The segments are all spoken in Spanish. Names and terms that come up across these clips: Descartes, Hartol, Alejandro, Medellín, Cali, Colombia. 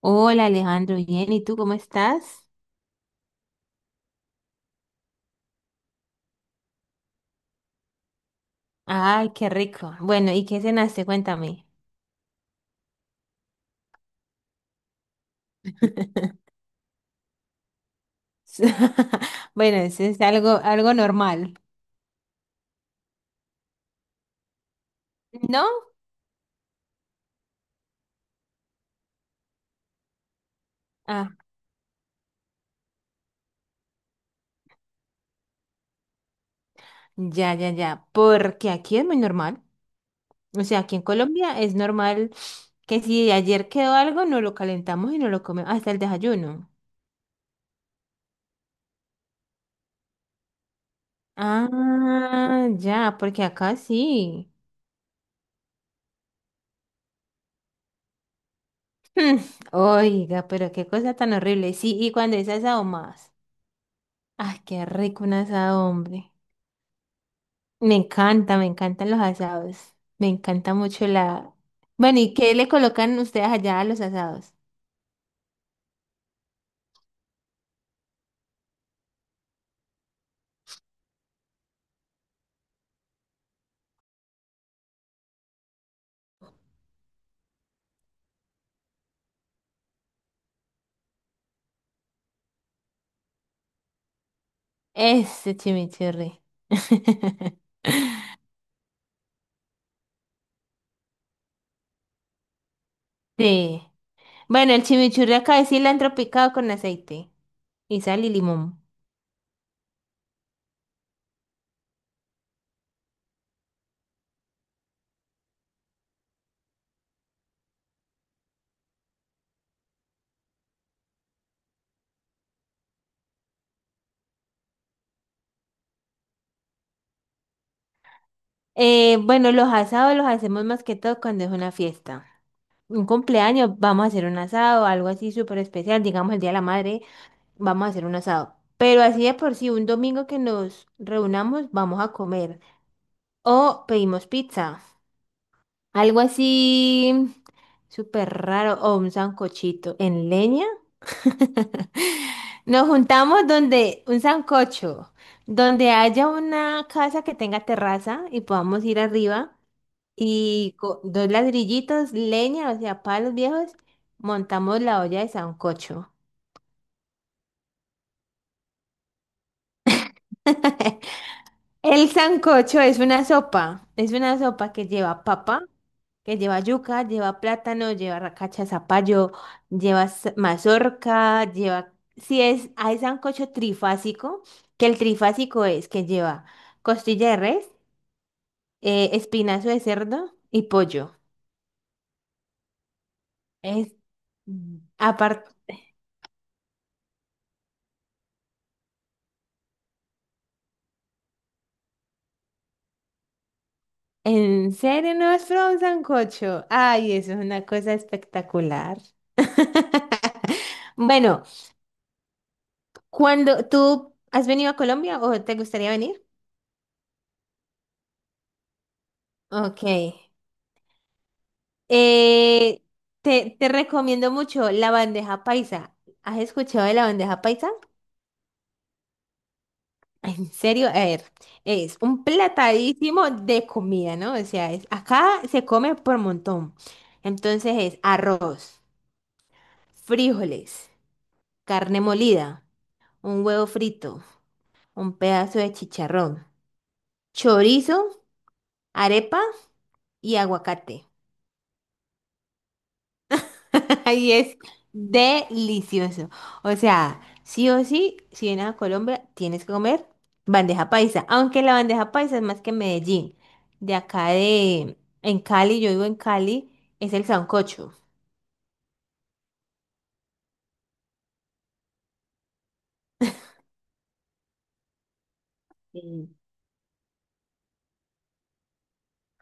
Hola Alejandro, bien, ¿y tú cómo estás? Ay, qué rico. Bueno, ¿y qué cenaste? Cuéntame. Bueno, eso es algo normal. ¿No? Ah, ya, ya, ya. Porque aquí es muy normal. O sea, aquí en Colombia es normal que si ayer quedó algo, no lo calentamos y no lo comemos hasta el desayuno. Ah, ya, porque acá sí. Hmm. Oiga, pero qué cosa tan horrible. Sí, y cuando es asado más. Ay, qué rico un asado, hombre. Me encanta, me encantan los asados. Me encanta mucho la... Bueno, ¿y qué le colocan ustedes allá a los asados? Ese chimichurri. Sí. Bueno, el chimichurri acá es cilantro picado con aceite y sal y limón. Bueno, los asados los hacemos más que todo cuando es una fiesta. Un cumpleaños, vamos a hacer un asado, algo así súper especial, digamos el Día de la Madre, vamos a hacer un asado. Pero así de por sí, un domingo que nos reunamos, vamos a comer. O pedimos pizza. Algo así súper raro. O un sancochito en leña. Nos juntamos donde un sancocho, donde haya una casa que tenga terraza y podamos ir arriba y con dos ladrillitos, leña, o sea, palos viejos, montamos la olla de sancocho. El sancocho es una sopa que lleva papa, que lleva yuca, lleva plátano, lleva racacha de zapallo, lleva mazorca, lleva... Si es, hay sancocho trifásico, que el trifásico es que lleva costilla de res, espinazo de cerdo y pollo. Es aparte... ¿En serio no has probado un sancocho? Ay, eso es una cosa espectacular. Bueno, ¿cuando tú has venido a Colombia o te gustaría venir? Ok. Eh, te recomiendo mucho la bandeja paisa. ¿Has escuchado de la bandeja paisa? En serio, a ver, es un platadísimo de comida, ¿no? O sea, acá se come por montón. Entonces es arroz, frijoles, carne molida, un huevo frito, un pedazo de chicharrón, chorizo, arepa y aguacate. Ahí es delicioso. O sea, sí o sí, si vienes a Colombia, tienes que comer bandeja paisa. Aunque la bandeja paisa es más que en Medellín. De acá de, en Cali, yo vivo en Cali, es el sancocho. Mm.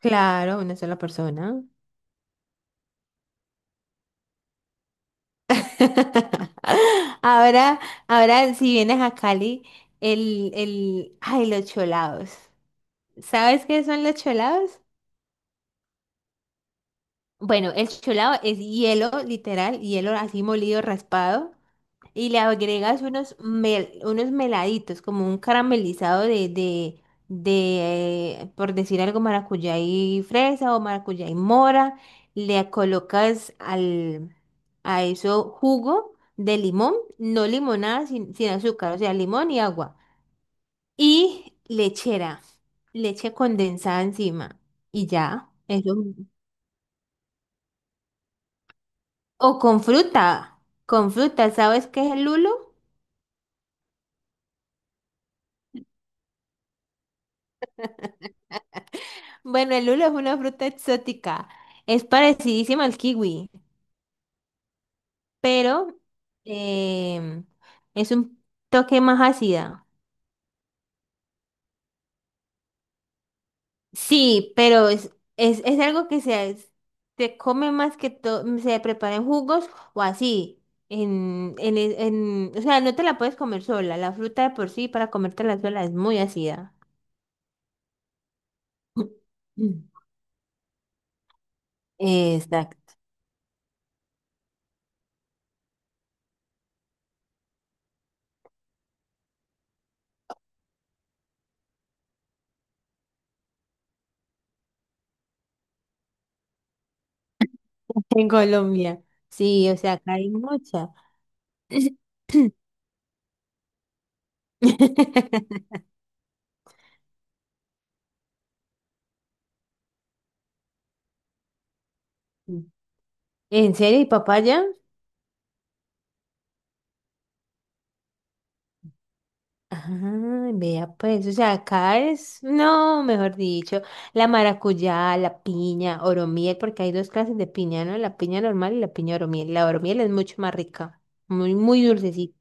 Claro, una sola persona. Ahora, ahora si vienes a Cali, ay, los cholados. ¿Sabes qué son los cholados? Bueno, el cholado es hielo, literal, hielo así molido, raspado, y le agregas unos, unos meladitos, como un caramelizado de por decir algo, maracuyá y fresa o maracuyá y mora. Le colocas al, a eso jugo de limón, no limonada, sin azúcar, o sea, limón y agua. Y lechera, leche condensada encima, y ya, eso. O con fruta, ¿sabes qué es el lulo? Bueno, el lulo es una fruta exótica, es parecidísima al kiwi, pero em, es un toque más ácida. Sí, pero es algo que se come más que todo, se prepara en jugos o así. O sea, no te la puedes comer sola, la fruta de por sí para comértela sola es muy ácida. Exacto. En Colombia. Sí, o sea, acá hay mucha. ¿En serio? ¿Y papaya? Ah, vea pues, o sea, acá es, no, mejor dicho, la maracuyá, la piña, oromiel, porque hay dos clases de piña, ¿no? La piña normal y la piña oromiel. La oromiel es mucho más rica, muy, muy dulcecita.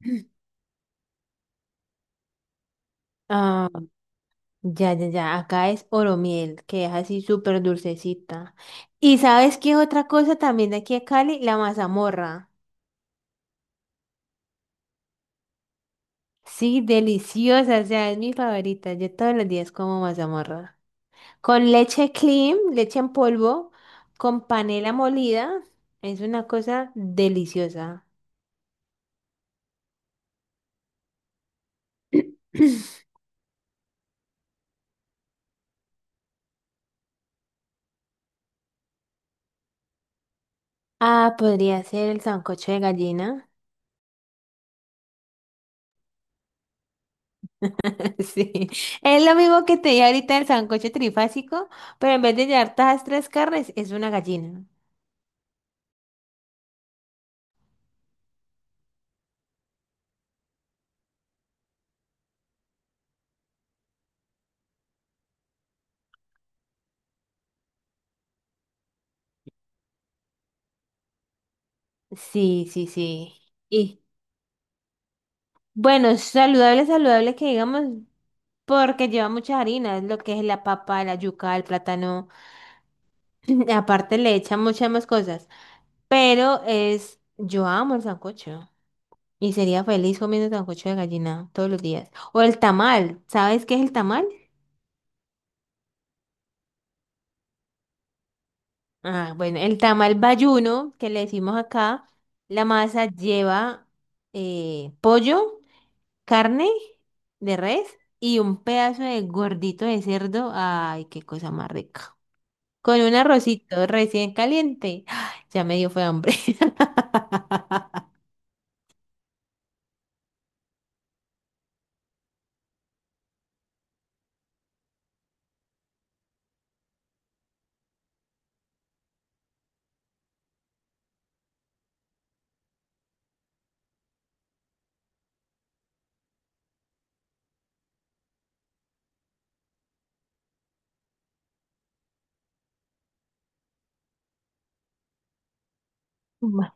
Ah, ya, ya, ya, acá es oromiel, que es así súper dulcecita. ¿Y sabes qué es otra cosa también de aquí a Cali? La mazamorra. Sí, deliciosa, o sea, es mi favorita. Yo todos los días como mazamorra. Con leche cream, leche en polvo, con panela molida. Es una cosa deliciosa. Ah, podría ser el sancocho de gallina. Sí, es lo mismo que te dije ahorita, el sancocho trifásico, pero en vez de llevar todas las tres carnes, es una gallina. Sí, sí, sí. Y bueno, saludable, saludable que digamos, porque lleva muchas harinas, lo que es la papa, la yuca, el plátano. Aparte le echan muchas más cosas. Pero es, yo amo el sancocho. Y sería feliz comiendo sancocho de gallina todos los días. O el tamal. ¿Sabes qué es el tamal? Ah, bueno, el tamal bayuno, que le decimos acá, la masa lleva pollo, carne de res y un pedazo de gordito de cerdo. Ay, qué cosa más rica. Con un arrocito recién caliente. ¡Ah! Ya me dio fue hambre. Ma-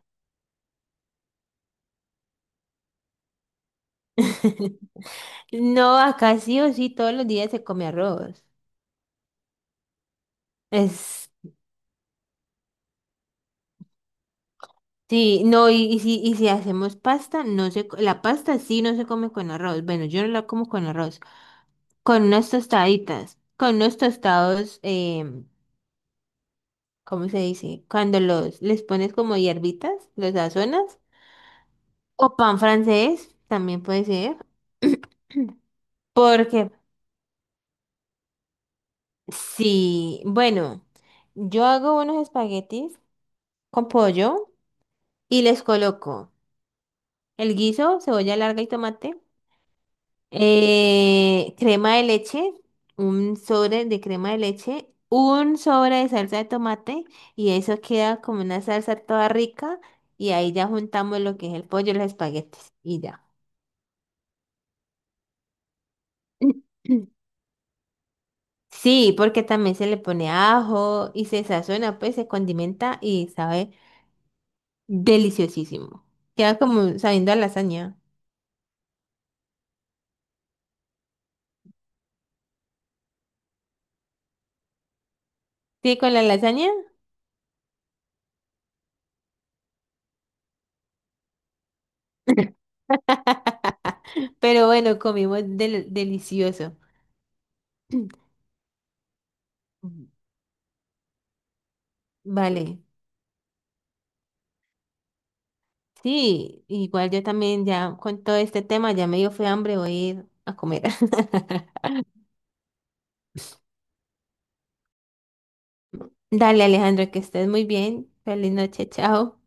No, acá sí o sí todos los días se come arroz. Es, sí, no, y si hacemos pasta, no se, la pasta sí no se come con arroz. Bueno, yo no la como con arroz. Con unas tostaditas, con unos tostados, ¿cómo se dice? Cuando los, les pones como hierbitas, los sazonas. O pan francés, también puede ser. Porque sí, bueno, yo hago unos espaguetis con pollo y les coloco el guiso, cebolla larga y tomate, crema de leche, un sobre de crema de leche, un sobre de salsa de tomate y eso queda como una salsa toda rica y ahí ya juntamos lo que es el pollo y los espaguetis y ya. Sí, porque también se le pone ajo y se sazona, pues se condimenta y sabe. Deliciosísimo. Queda como sabiendo a lasaña. Sí, con la lasaña. Pero bueno, comimos delicioso. Mm. Vale. Sí, igual yo también ya con todo este tema ya me dio fue hambre, voy a ir a comer. Dale, Alejandro, que estés muy bien. Feliz noche, chao.